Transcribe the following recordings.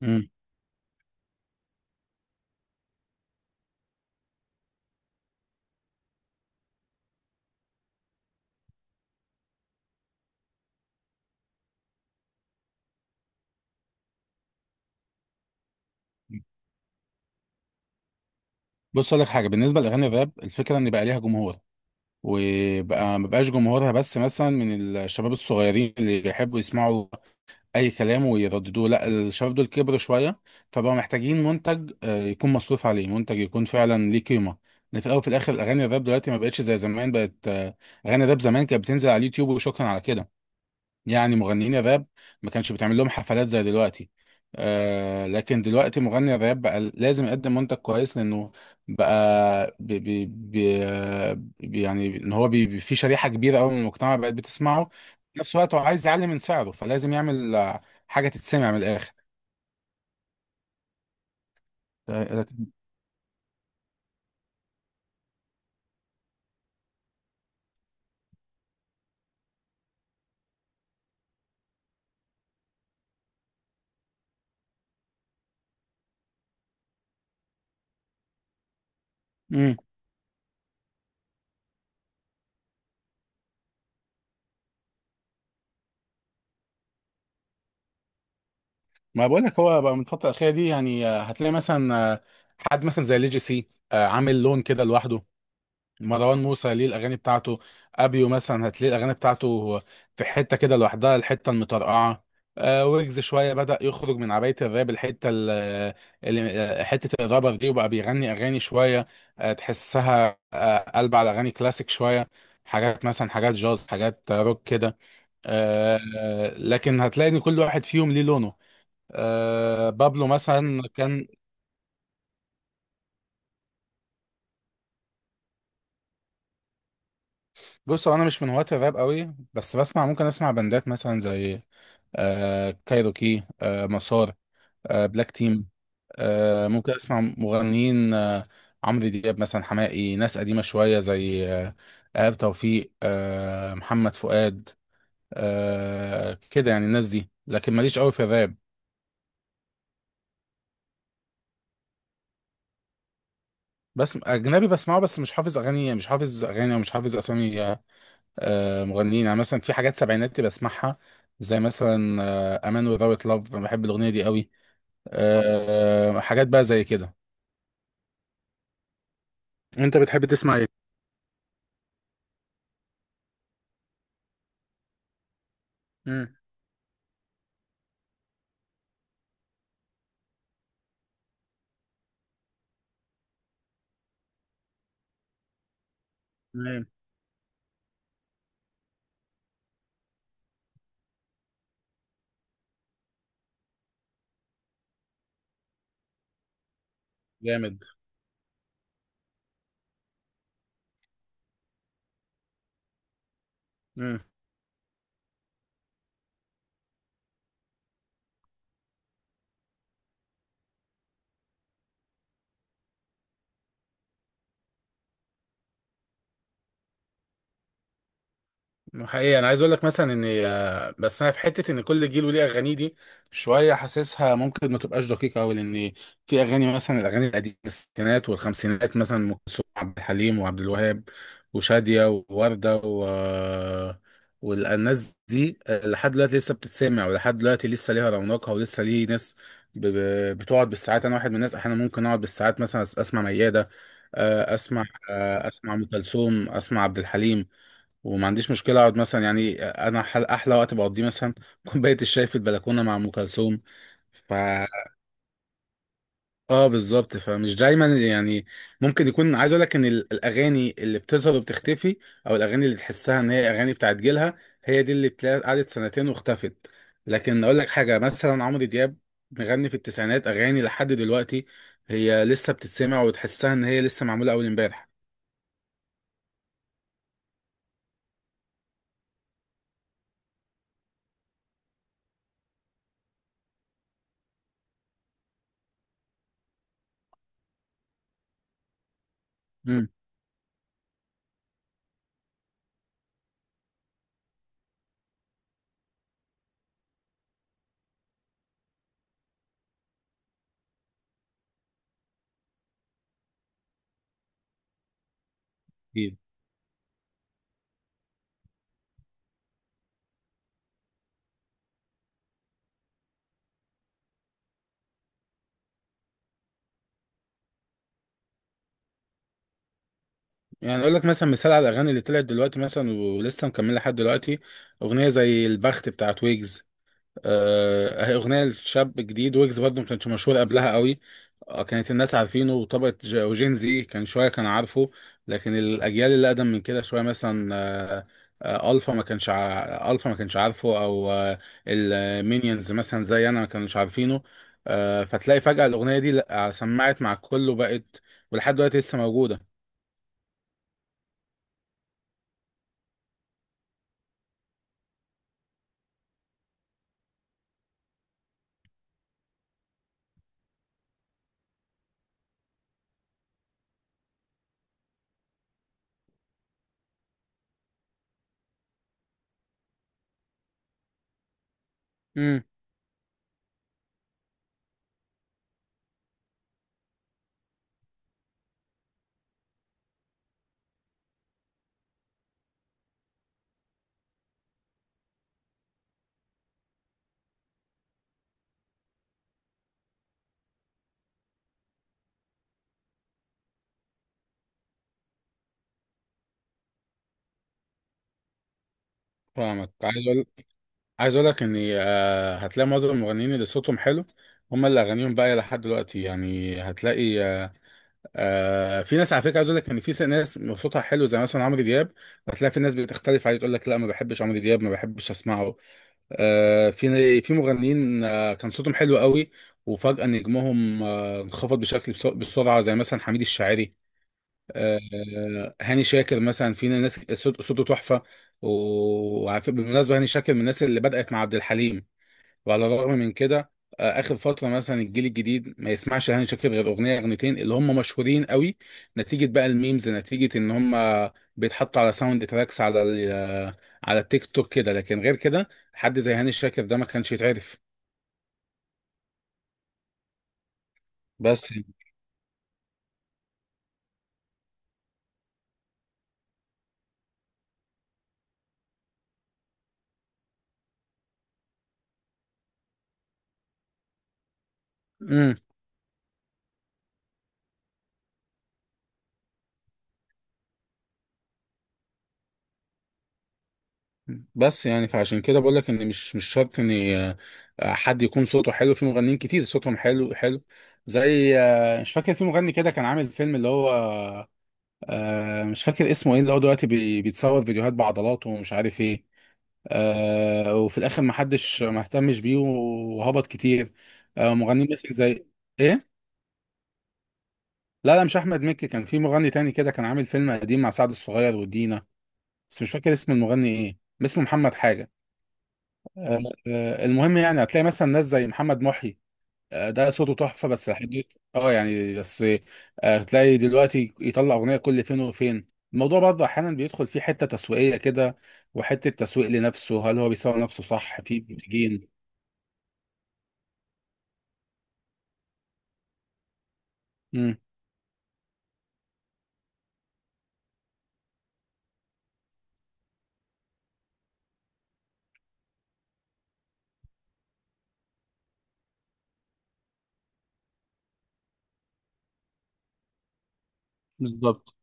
مم. بص اقول لك حاجه بالنسبه لاغاني الراب، الفكره ان بقى ليها جمهور، وبقى ما بقاش جمهورها بس مثلا من الشباب الصغيرين اللي يحبوا يسمعوا اي كلام ويرددوه. لا، الشباب دول كبروا شويه، فبقوا محتاجين منتج يكون مصروف عليه، منتج يكون فعلا ليه قيمه. لأن في الاول وفي الاخر، اغاني الراب دلوقتي ما بقتش زي زمان، بقت اغاني الراب زمان كانت بتنزل على اليوتيوب وشكرا على كده، يعني مغنيين الراب ما كانش بتعمل لهم حفلات زي دلوقتي. لكن دلوقتي مغني الراب بقى لازم يقدم منتج كويس، لانه بقى يعني ان هو في شريحة كبيرة قوي من المجتمع بقت بتسمعه. في نفس الوقت هو عايز يعلي من سعره، فلازم يعمل حاجة تتسمع من الآخر. امم ما بقول لك، هو بقى من الفترة الأخيرة دي، يعني هتلاقي مثلا حد مثلا زي ليجي سي عامل لون كده لوحده. مروان موسى ليه الاغاني بتاعته، ابيو مثلا هتلاقي الاغاني بتاعته في حته كده لوحدها، الحته المطرقعه. ويجز شويه بدا يخرج من عبايه الراب، الحته اللي حته الرابر دي، وبقى بيغني اغاني شويه تحسها قلب على اغاني كلاسيك شويه، حاجات مثلا، حاجات جاز، حاجات روك كده. لكن هتلاقي ان كل واحد فيهم ليه لونه. بابلو مثلا كان. بصوا، انا مش من هواة الراب قوي، بس بسمع، ممكن اسمع بندات مثلا زي كايروكي، مسار، بلاك تيم. ممكن اسمع مغنيين عمرو دياب مثلا، حماقي، ناس قديمه شويه زي ايهاب توفيق، محمد فؤاد، كده يعني الناس دي، لكن ماليش قوي في الراب. بس اجنبي بسمعه، بس مش حافظ اغاني، ومش حافظ اسامي مغنيين، يعني مثلا في حاجات سبعيناتي بسمعها، زي مثلا امان وذاوت لاف، بحب الاغنيه دي قوي. حاجات بقى زي كده. انت بتحب تسمع ايه؟ تمام. جامد. مم. حقيقي انا عايز اقول لك مثلا ان بس انا في حته ان كل جيل وليه اغانيه دي، شويه حاسسها ممكن ما تبقاش دقيقه قوي. لان في اغاني مثلا، الاغاني القديمه الستينات والخمسينات مثلا، ام كلثوم وعبد الحليم وعبد الوهاب وشاديه وورده و والناس دي لحد دلوقتي لسه بتتسمع، ولحد دلوقتي لسه ليها رونقها، ولسه ليه ناس بتقعد بالساعات. انا واحد من الناس احيانا ممكن اقعد بالساعات مثلا اسمع مياده اسمع اسمع ام كلثوم، اسمع عبد الحليم، وما عنديش مشكله اقعد مثلا، يعني انا احلى وقت بقضيه مثلا كوبايه الشاي في البلكونه مع ام كلثوم. ف اه، بالظبط، فمش دايما يعني، ممكن يكون عايز اقول لك ان الاغاني اللي بتظهر وبتختفي، او الاغاني اللي تحسها ان هي اغاني بتاعت جيلها، هي دي اللي بتلاقي قعدت سنتين واختفت. لكن اقول لك حاجه، مثلا عمرو دياب مغني في التسعينات، اغاني لحد دلوقتي هي لسه بتتسمع، وتحسها ان هي لسه معموله اول امبارح. امم يعني اقول لك مثلا مثال على الاغاني اللي طلعت دلوقتي مثلا ولسه مكمله لحد دلوقتي، اغنيه زي البخت بتاعت ويجز. هي اغنيه لشاب جديد، ويجز برضه ما كانش مشهور قبلها قوي. كانت الناس عارفينه وطبقه وجين زي كان شويه كان عارفه. لكن الاجيال اللي اقدم من كده شويه مثلا الفا ما كانش عارفه، او المينيونز مثلا زي انا ما كانوش عارفينه. فتلاقي فجاه الاغنيه دي، لأ، سمعت مع الكل وبقت، ولحد دلوقتي لسه موجوده. فاهمك. عايز اقول لك ان هتلاقي معظم المغنيين اللي صوتهم حلو، هم اللي اغانيهم باقيه لحد دلوقتي، يعني هتلاقي في ناس، على فكره عايز اقول لك ان في ناس صوتها حلو زي مثلا عمرو دياب، هتلاقي في ناس بتختلف عليه تقول لك لا، ما بحبش عمرو دياب، ما بحبش اسمعه. في في مغنيين كان صوتهم حلو قوي، وفجاه نجمهم انخفض بشكل بسرعه، زي مثلا حميد الشاعري. هاني شاكر مثلا، في ناس صوته تحفه. وعارف بالمناسبه هاني شاكر من الناس اللي بدات مع عبد الحليم، وعلى الرغم من كده اخر فتره مثلا الجيل الجديد ما يسمعش هاني شاكر غير اغنيه اغنيتين اللي هم مشهورين قوي، نتيجه بقى الميمز، نتيجه ان هم بيتحطوا على ساوند تراكس، على على التيك توك كده. لكن غير كده حد زي هاني شاكر ده ما كانش يتعرف. بس امم يعني، فعشان كده بقول لك ان مش شرط ان حد يكون صوته حلو، في مغنيين كتير صوتهم حلو حلو، زي مش فاكر، في مغني كده كان عامل فيلم اللي هو مش فاكر اسمه ايه، اللي هو دلوقتي بيتصور فيديوهات بعضلاته ومش عارف ايه وفي الاخر ما حدش ما اهتمش بيه، وهبط كتير. مغنيين مثل زي ايه؟ لا لا، مش احمد مكي، كان في مغني تاني كده كان عامل فيلم قديم مع سعد الصغير ودينا، بس مش فاكر اسم المغني ايه، اسمه محمد حاجة. آه، المهم، يعني هتلاقي مثلا ناس زي محمد محي ده صوته تحفة بس حدود. اه يعني بس هتلاقي دلوقتي يطلع أغنية كل فين وفين، الموضوع برضه أحيانا بيدخل فيه حتة تسويقية كده، وحتة تسويق لنفسه. هل هو بيسوق نفسه صح في منتجين؟ امم بالظبط.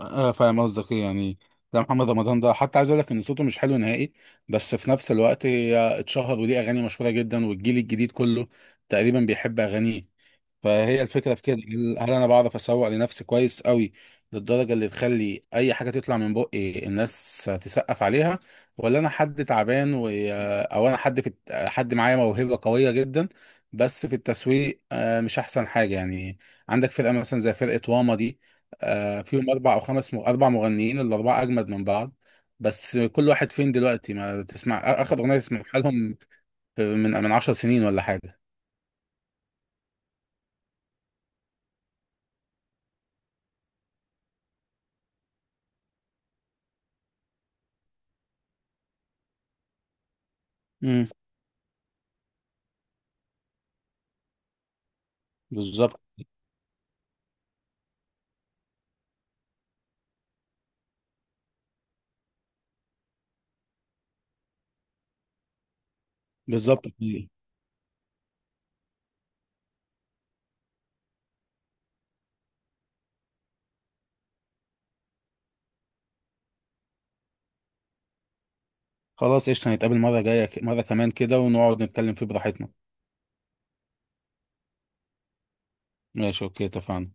فاهم قصدك ايه يعني. ده محمد رمضان ده حتى عايز اقول لك ان صوته مش حلو نهائي، بس في نفس الوقت هي اتشهر وليه اغاني مشهوره جدا، والجيل الجديد كله تقريبا بيحب اغانيه. فهي الفكرة في كده، هل انا بعرف اسوق لنفسي كويس قوي للدرجة اللي تخلي اي حاجة تطلع من بقي الناس تسقف عليها، ولا انا حد تعبان او انا حد في حد معايا موهبة قوية جدا بس في التسويق مش احسن حاجة يعني. عندك فرقة مثلا زي فرقة واما دي فيهم اربع او خمس م... اربع مغنيين، الاربعة اجمد من بعض، بس كل واحد فين دلوقتي، ما تسمع اخر اغنية تسمعها لهم من 10 سنين ولا حاجة. امم بالظبط، بالظبط. خلاص، قشطة، نتقابل مرة جاية مرة كمان كده، ونقعد نتكلم فيه براحتنا. ماشي، اوكي، اتفقنا.